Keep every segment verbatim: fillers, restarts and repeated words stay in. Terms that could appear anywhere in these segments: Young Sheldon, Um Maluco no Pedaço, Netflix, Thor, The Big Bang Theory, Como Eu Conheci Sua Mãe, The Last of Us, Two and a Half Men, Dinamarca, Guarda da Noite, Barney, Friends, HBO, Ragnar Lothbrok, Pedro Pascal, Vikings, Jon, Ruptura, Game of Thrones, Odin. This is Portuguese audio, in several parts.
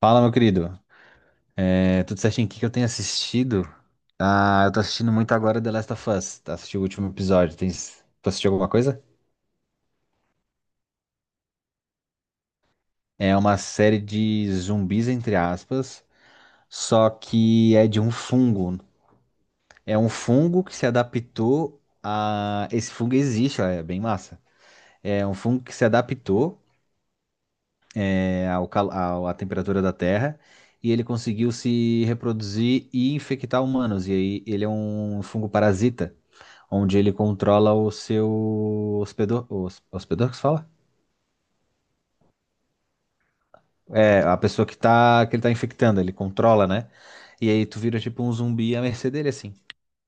Fala, meu querido. É, tudo certinho? O que que eu tenho assistido? Ah, eu tô assistindo muito agora The Last of Us. Tá assistindo o último episódio. Tem... Tu assistiu alguma coisa? É uma série de zumbis, entre aspas, só que é de um fungo. É um fungo que se adaptou a... Esse fungo existe, ó, é bem massa. É um fungo que se adaptou é, ao cal... ao- à temperatura da Terra e ele conseguiu se reproduzir e infectar humanos. E aí ele é um fungo parasita, onde ele controla o seu hospedor. O hos- hospedor, que se fala? É, a pessoa que tá, que ele tá infectando, ele controla, né? E aí tu vira tipo um zumbi à mercê dele, assim.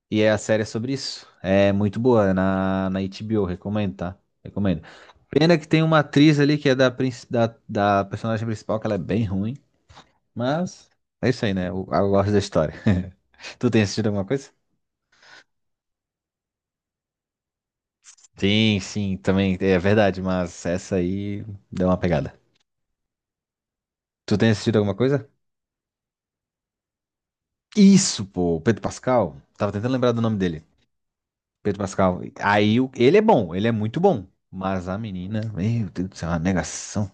E é a série é sobre isso. É muito boa, é na, na H B O, recomendo, tá? Recomendo. Pena que tem uma atriz ali que é da, princi- da, da personagem principal, que ela é bem ruim, mas é isso aí, né? Eu, eu gosto da história. Tu tem assistido alguma coisa? Sim, sim, também é verdade, mas essa aí deu uma pegada. Tu tem assistido alguma coisa? Isso, pô, o Pedro Pascal. Tava tentando lembrar do nome dele. Pedro Pascal. Aí o- ele é bom, ele é muito bom. Mas a menina, meu Deus do céu, é uma negação.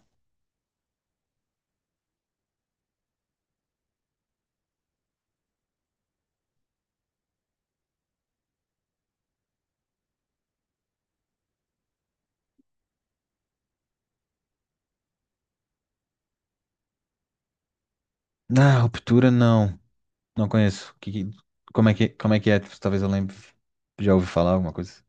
Na ruptura não. Não conheço. Que, que- como é que, como é que é? Talvez eu lembre. Já ouvi falar alguma coisa.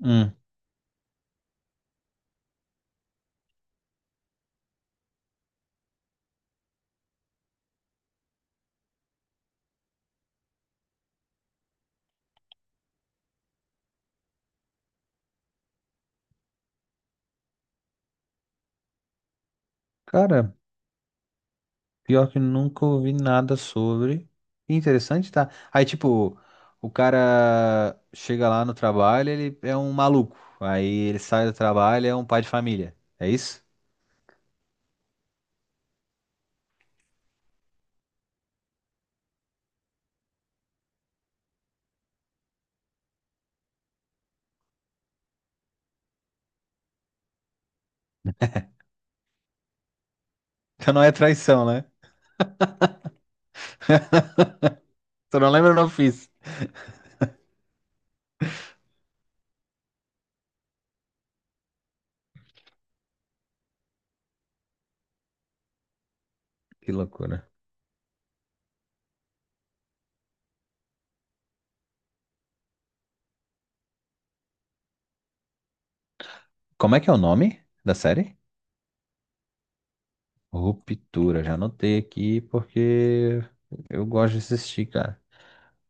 Hum. Cara, pior que nunca ouvi nada sobre. Que interessante, tá? Aí, tipo, o cara chega lá no trabalho, ele é um maluco. Aí ele sai do trabalho, é um pai de família. É isso? Então não é traição, né? Tu não lembra, eu não fiz. Que loucura. Como é que é o nome da série? Ruptura. Já anotei aqui porque eu gosto de assistir, cara.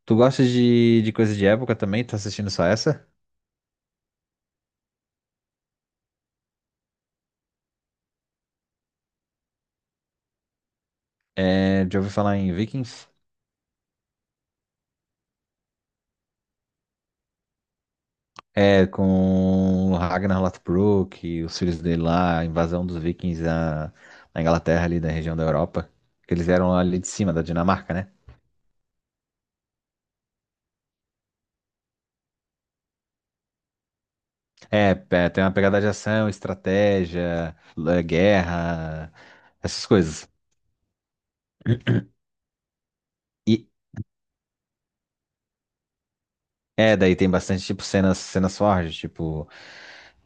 Tu gosta de, de coisa de época também? Tá assistindo só essa? É, já ouvi falar em Vikings? É, com o Ragnar Lothbrok e os filhos dele lá, a invasão dos Vikings na, na Inglaterra, ali da região da Europa. Que eles eram ali de cima, da Dinamarca, né? É, é, tem uma pegada de ação, estratégia, l- eh, guerra, essas coisas. E É, daí tem bastante, tipo, cenas, cenas fortes, tipo,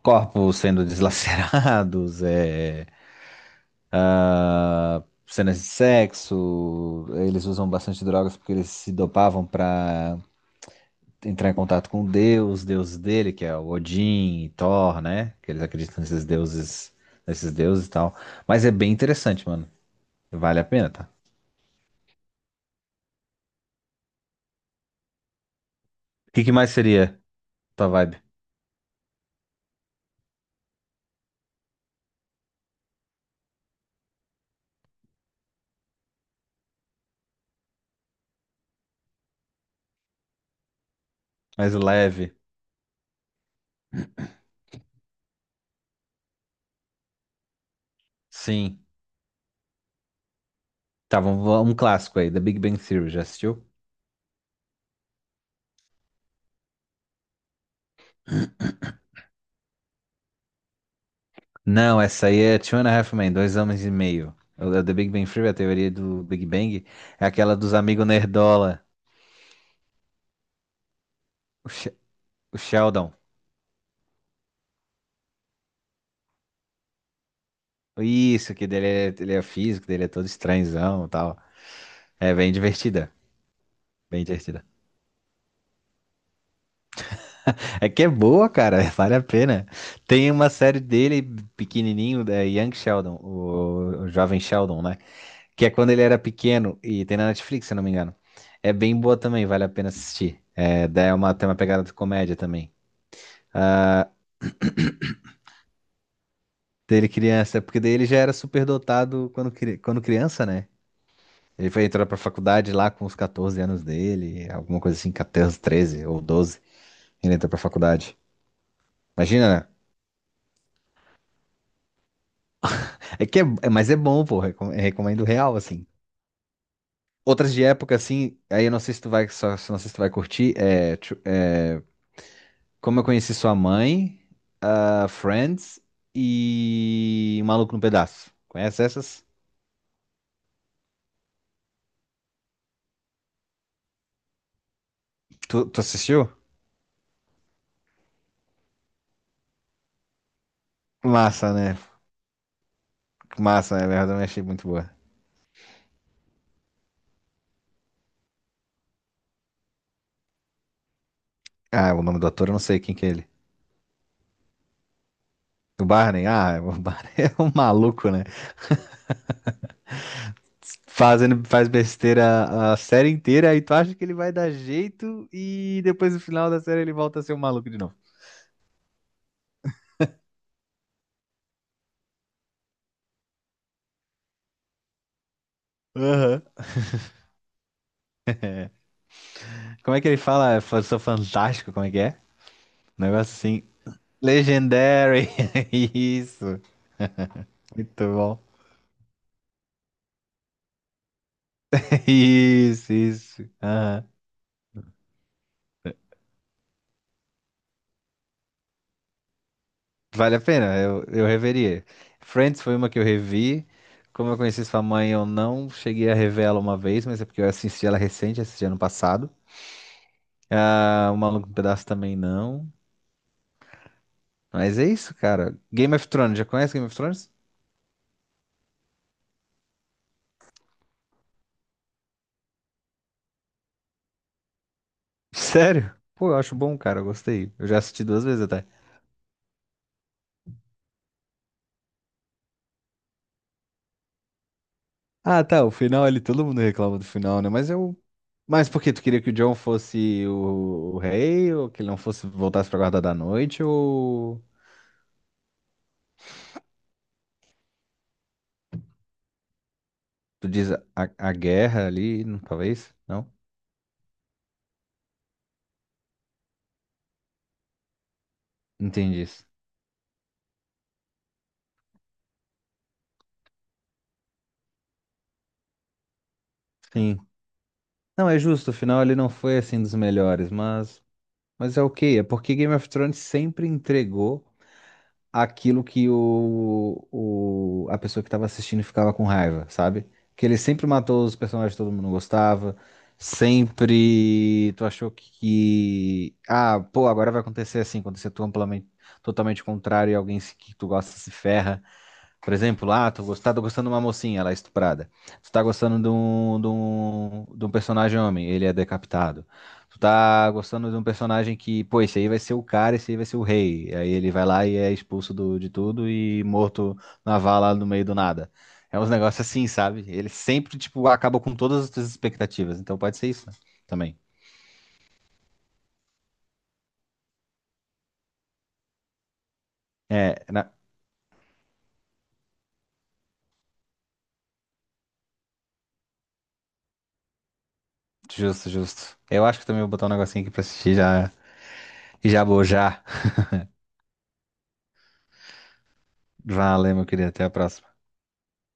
corpos sendo deslacerados, é, ah, cenas de sexo. Eles usam bastante drogas porque eles se dopavam pra entrar em contato com Deus, Deus dele, que é o Odin e Thor, né? Que eles acreditam nesses deuses, nesses deuses e tal. Mas é bem interessante, mano. Vale a pena, tá? O que que mais seria tua vibe? Mais leve? Sim. Tá, vamos, um clássico aí, The Big Bang Theory, já assistiu? Não, essa aí é Two and a Half Men, dois homens e meio. É O The Big Bang Theory, a teoria do Big Bang, é aquela dos amigos nerdola, o, Sh- o Sheldon. Isso, que dele é, ele é físico, dele é todo estranhão e tal. É bem divertida, bem divertida. É que é boa, cara, vale a pena. Tem uma série dele pequenininho, da Young Sheldon, o, o jovem Sheldon, né? Que é quando ele era pequeno e tem na Netflix, se eu não me engano. É bem boa também, vale a pena assistir. É, daí é uma, tem uma pegada de comédia também. Daí ele criança, porque daí ele já era superdotado quando, cri- quando criança, né? Ele foi entrar pra faculdade lá com os catorze anos dele, alguma coisa assim, catorze, treze ou doze. Ele entrou pra faculdade. Imagina, né? É que é, é- mas é bom, pô, recom- é, recomendo real, assim. Outras de época, assim, aí eu não sei se tu vai, só, se- não sei se tu vai curtir, é, tru- é, Como Eu Conheci Sua Mãe, ah, Friends e Um Maluco no Pedaço. Conhece essas? Tu, tu assistiu? Massa, né? Massa, né? Eu também achei muito boa. Ah, o nome do ator eu não sei quem que é ele. O Barney? Ah, o Barney é um maluco, né? Fazendo, faz besteira a série inteira, aí tu acha que ele vai dar jeito e depois no final da série ele volta a ser um maluco de novo. Aham. Como é que ele fala? Eu sou fantástico, como é que é? Um negócio assim. Legendary. Isso. Muito bom. Isso, isso. Aham. Vale a pena, eu, eu reveria. Friends foi uma que eu revi. Como eu conheci sua mãe, eu não cheguei a rever ela uma vez, mas é porque eu assisti ela recente, assisti ano passado. Ah, O Maluco no Pedaço também não. Mas é isso, cara. Game of Thrones, já conhece Game of Thrones? Sério? Pô, eu acho bom, cara, eu gostei. Eu já assisti duas vezes até. Ah, tá, o final ali, todo mundo reclama do final, né? Mas eu. Mas por quê? Tu queria que o Jon fosse o, o rei? Ou que ele não fosse voltasse pra Guarda da Noite? Ou. Tu diz a, a guerra ali, não- talvez? Não? Entendi isso. Sim. Não, é justo, o final ele não foi assim dos melhores, mas, mas é ok. É porque Game of Thrones sempre entregou aquilo que o, o, a pessoa que tava assistindo ficava com raiva, sabe? Que ele sempre matou os personagens que todo mundo gostava. Sempre tu achou que, que- ah, pô, agora vai acontecer assim, acontecer tu amplamente, totalmente contrário e alguém se- que tu gosta se ferra. Por exemplo, ah, tu gostar, tô gostando de uma mocinha, ela é estuprada. Tu tá gostando de um, de um, de um personagem homem, ele é decapitado. Tu tá gostando de um personagem que, pô, esse aí vai ser o cara, esse aí vai ser o rei. Aí ele vai lá e é expulso do, de tudo e morto na vala no meio do nada. É uns negócios assim, sabe? Ele sempre, tipo, acaba com todas as tuas expectativas. Então pode ser isso né? Também. É, na- justo, justo. Eu acho que também vou botar um negocinho aqui pra assistir já, e já bojar. Valeu, meu querido. Até a próxima.